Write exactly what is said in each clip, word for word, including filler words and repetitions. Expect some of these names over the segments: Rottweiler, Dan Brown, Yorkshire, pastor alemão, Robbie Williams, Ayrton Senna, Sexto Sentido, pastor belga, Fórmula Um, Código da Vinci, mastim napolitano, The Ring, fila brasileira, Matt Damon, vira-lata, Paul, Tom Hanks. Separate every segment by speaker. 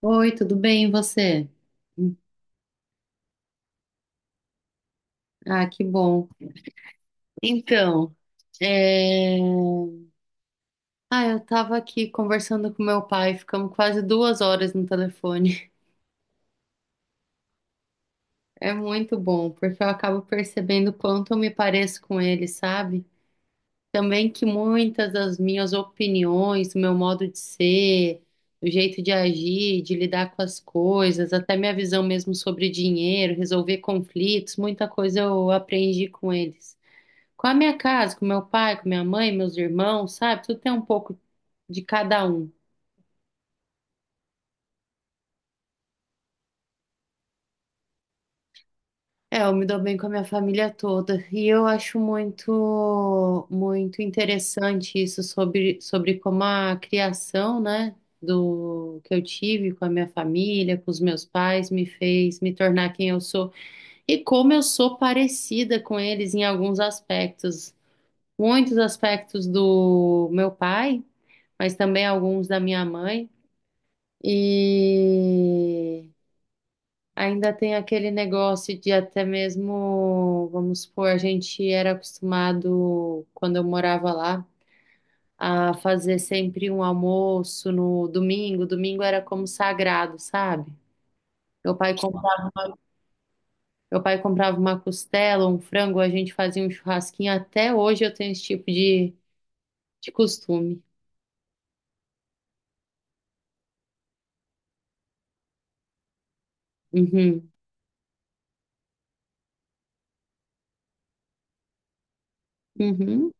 Speaker 1: Oi, tudo bem, e você? Ah, que bom. Então, é... ah, eu tava aqui conversando com meu pai, ficamos quase duas horas no telefone. É muito bom, porque eu acabo percebendo o quanto eu me pareço com ele, sabe? Também que muitas das minhas opiniões, o meu modo de ser, o jeito de agir, de lidar com as coisas, até minha visão mesmo sobre dinheiro, resolver conflitos, muita coisa eu aprendi com eles. Com a minha casa, com meu pai, com minha mãe, meus irmãos, sabe? Tudo tem um pouco de cada um. É, eu me dou bem com a minha família toda e eu acho muito, muito interessante isso sobre, sobre como a criação, né, do que eu tive com a minha família, com os meus pais, me fez me tornar quem eu sou e como eu sou parecida com eles em alguns aspectos, muitos aspectos do meu pai, mas também alguns da minha mãe. E ainda tem aquele negócio de até mesmo, vamos supor, a gente era acostumado, quando eu morava lá, a fazer sempre um almoço no domingo. Domingo era como sagrado, sabe? Meu pai, comp- Meu pai comprava uma costela, um frango, a gente fazia um churrasquinho. Até hoje eu tenho esse tipo de, de costume. Uhum. Uhum.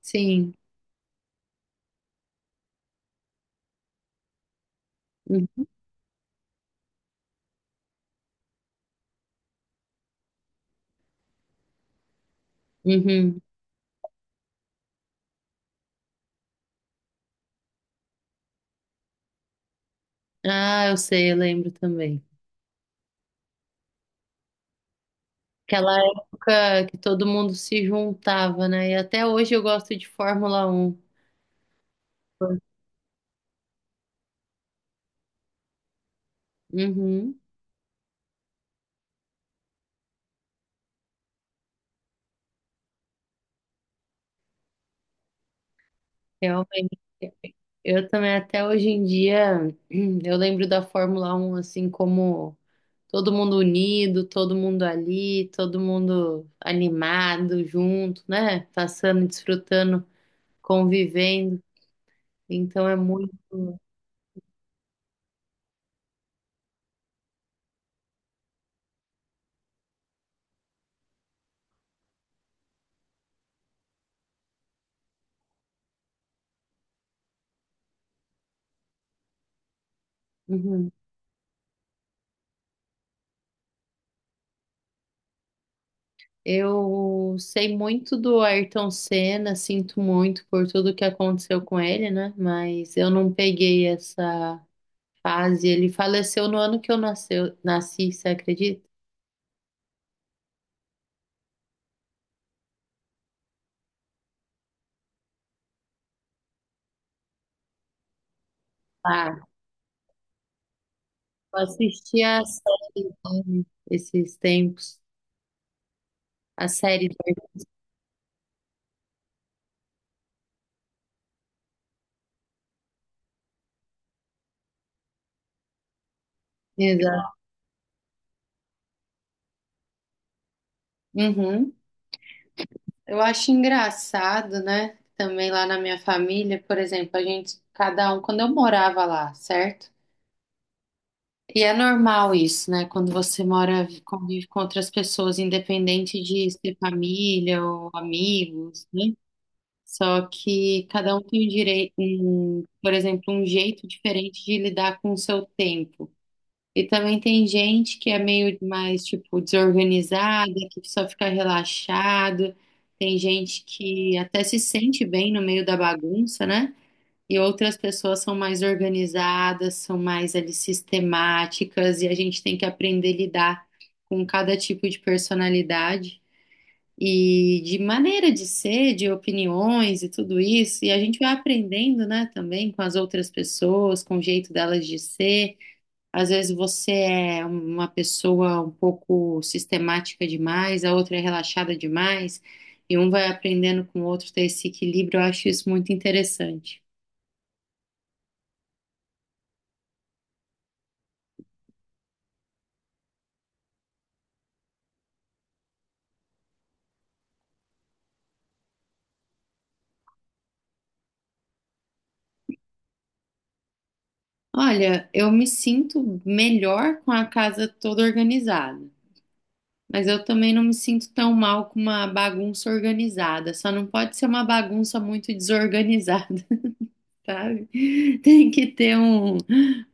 Speaker 1: Sim. Uhum. Uhum. Ah, eu sei, eu lembro também. Aquela época que todo mundo se juntava, né? E até hoje eu gosto de Fórmula Um. Uhum, realmente. Eu também, até hoje em dia, eu lembro da Fórmula Um assim como todo mundo unido, todo mundo ali, todo mundo animado, junto, né? Passando, desfrutando, convivendo. Então é muito. Uhum. Eu sei muito do Ayrton Senna, sinto muito por tudo que aconteceu com ele, né? Mas eu não peguei essa fase. Ele faleceu no ano que eu nasceu, nasci, você acredita? Ah, eu assisti a série dele esses tempos. A série do Ayrton. Uhum. Eu acho engraçado, né? Também lá na minha família, por exemplo, a gente, cada um, quando eu morava lá, certo? E é normal isso, né? Quando você mora, convive com outras pessoas, independente de ser família ou amigos, né? Só que cada um tem o direito, um, por exemplo, um jeito diferente de lidar com o seu tempo. E também tem gente que é meio mais, tipo, desorganizada, que só fica relaxado. Tem gente que até se sente bem no meio da bagunça, né? E outras pessoas são mais organizadas, são mais ali sistemáticas, e a gente tem que aprender a lidar com cada tipo de personalidade e de maneira de ser, de opiniões e tudo isso. E a gente vai aprendendo, né, também com as outras pessoas, com o jeito delas de ser. Às vezes você é uma pessoa um pouco sistemática demais, a outra é relaxada demais, e um vai aprendendo com o outro ter esse equilíbrio. Eu acho isso muito interessante. Olha, eu me sinto melhor com a casa toda organizada, mas eu também não me sinto tão mal com uma bagunça organizada. Só não pode ser uma bagunça muito desorganizada, sabe? Tem que ter um,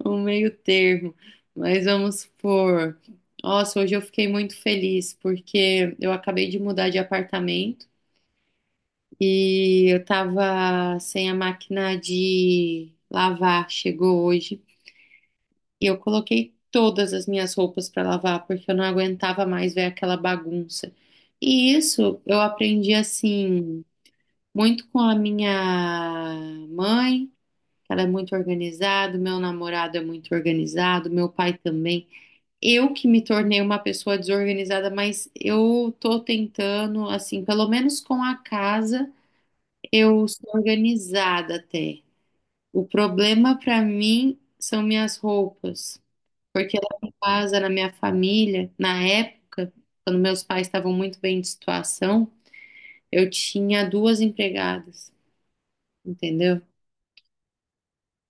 Speaker 1: um meio termo. Mas vamos supor, nossa, hoje eu fiquei muito feliz porque eu acabei de mudar de apartamento e eu tava sem a máquina de lavar, chegou hoje. E eu coloquei todas as minhas roupas para lavar, porque eu não aguentava mais ver aquela bagunça. E isso eu aprendi assim, muito com a minha mãe, que ela é muito organizada, meu namorado é muito organizado, meu pai também. Eu que me tornei uma pessoa desorganizada, mas eu tô tentando, assim, pelo menos com a casa, eu sou organizada até. O problema para mim são minhas roupas. Porque lá em casa, na minha família, na época, quando meus pais estavam muito bem de situação, eu tinha duas empregadas, entendeu?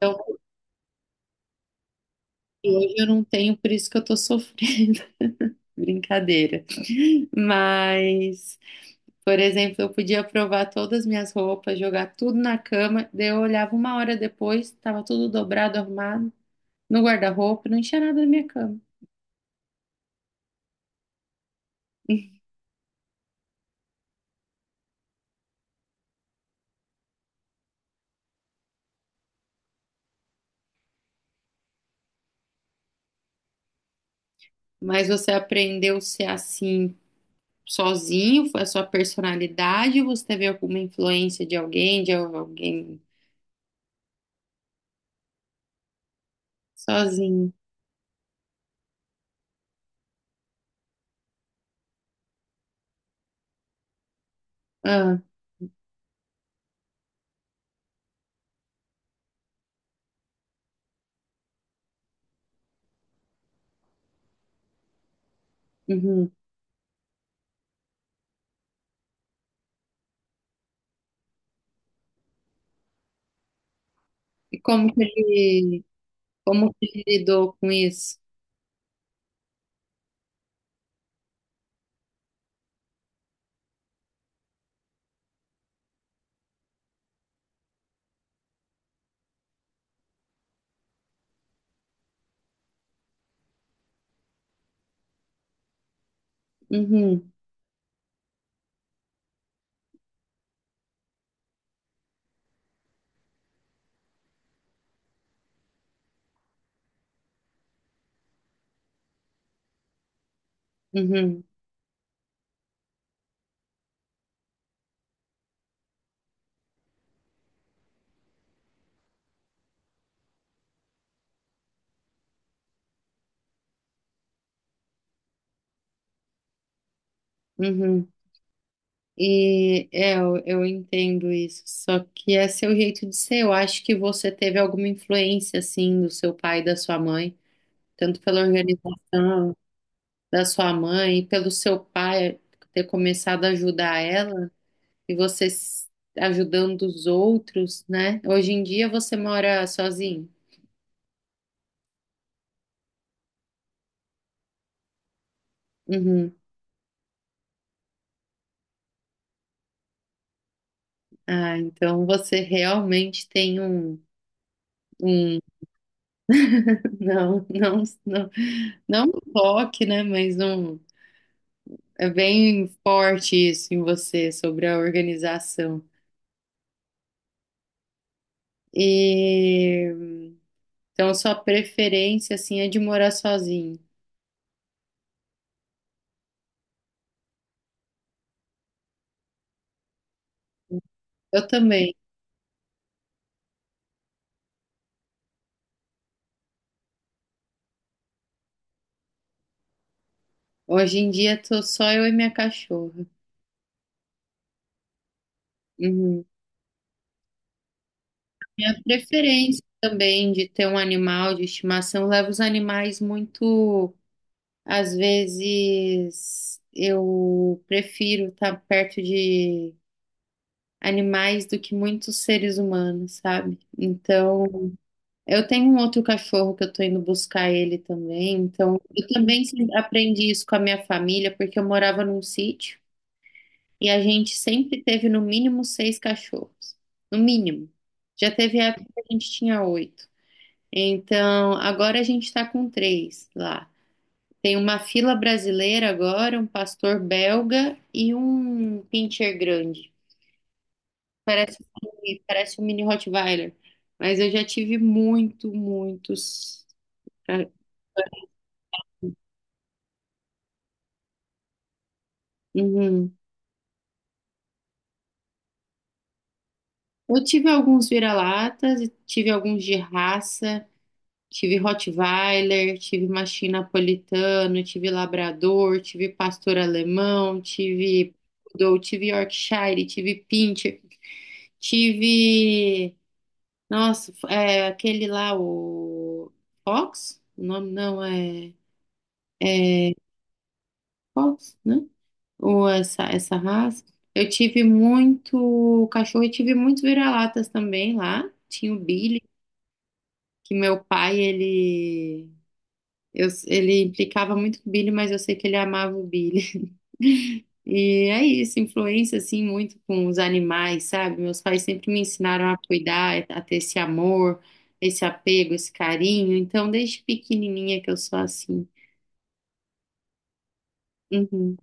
Speaker 1: Então, hoje eu não tenho, por isso que eu tô sofrendo. Brincadeira. Mas, por exemplo, eu podia provar todas as minhas roupas, jogar tudo na cama, daí eu olhava uma hora depois, tava tudo dobrado, arrumado, no guarda-roupa, não tinha nada na minha cama. Mas você aprendeu a ser assim sozinho, foi a sua personalidade, ou você teve alguma influência de alguém, de alguém sozinho? Ah, uhum. E como que ele, como que ele lidou com isso? Uhum, uhum, uhum. E é, eu, eu entendo isso, só que é seu jeito de ser. Eu acho que você teve alguma influência, assim, do seu pai e da sua mãe, tanto pela organização da sua mãe, pelo seu pai ter começado a ajudar ela. e você s- Ajudando os outros, né? Hoje em dia você mora sozinho? Uhum. Ah, então você realmente tem um, um... Não, não, não, não um toque, né? Mas um é bem forte isso em você sobre a organização. E então sua preferência assim é de morar sozinho. Eu também. Hoje em dia tô só eu e minha cachorra. Uhum. Minha preferência também de ter um animal de estimação leva os animais muito. Às vezes eu prefiro estar perto de animais do que muitos seres humanos, sabe? Então, eu tenho um outro cachorro que eu tô indo buscar ele também. Então, eu também sempre aprendi isso com a minha família, porque eu morava num sítio e a gente sempre teve no mínimo seis cachorros. No mínimo. Já teve época que a gente tinha oito. Então, agora a gente está com três lá. Tem uma fila brasileira agora, um pastor belga e um pincher grande. Parece, parece um mini Rottweiler, mas eu já tive muito, muitos. Ah. Uhum. Eu tive alguns vira-latas, e tive alguns de raça. Tive Rottweiler, tive mastim napolitano, tive labrador, tive pastor alemão, tive poodle, tive Yorkshire, tive pincher, tive, nossa, é, aquele lá o Fox? O nome não é, é Fox, né? Ou essa essa raça. Eu tive muito cachorro e tive muitos vira-latas também lá. Tinha o Billy, que meu pai ele... Eu- ele implicava muito com o Billy, mas eu sei que ele amava o Billy. E é isso, influência assim muito com os animais, sabe? Meus pais sempre me ensinaram a cuidar, a ter esse amor, esse apego, esse carinho. Então, desde pequenininha que eu sou assim. Uhum,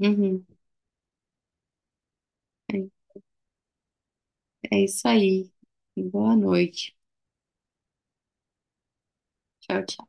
Speaker 1: uhum. É, é isso aí. Boa noite. Tchau, tchau.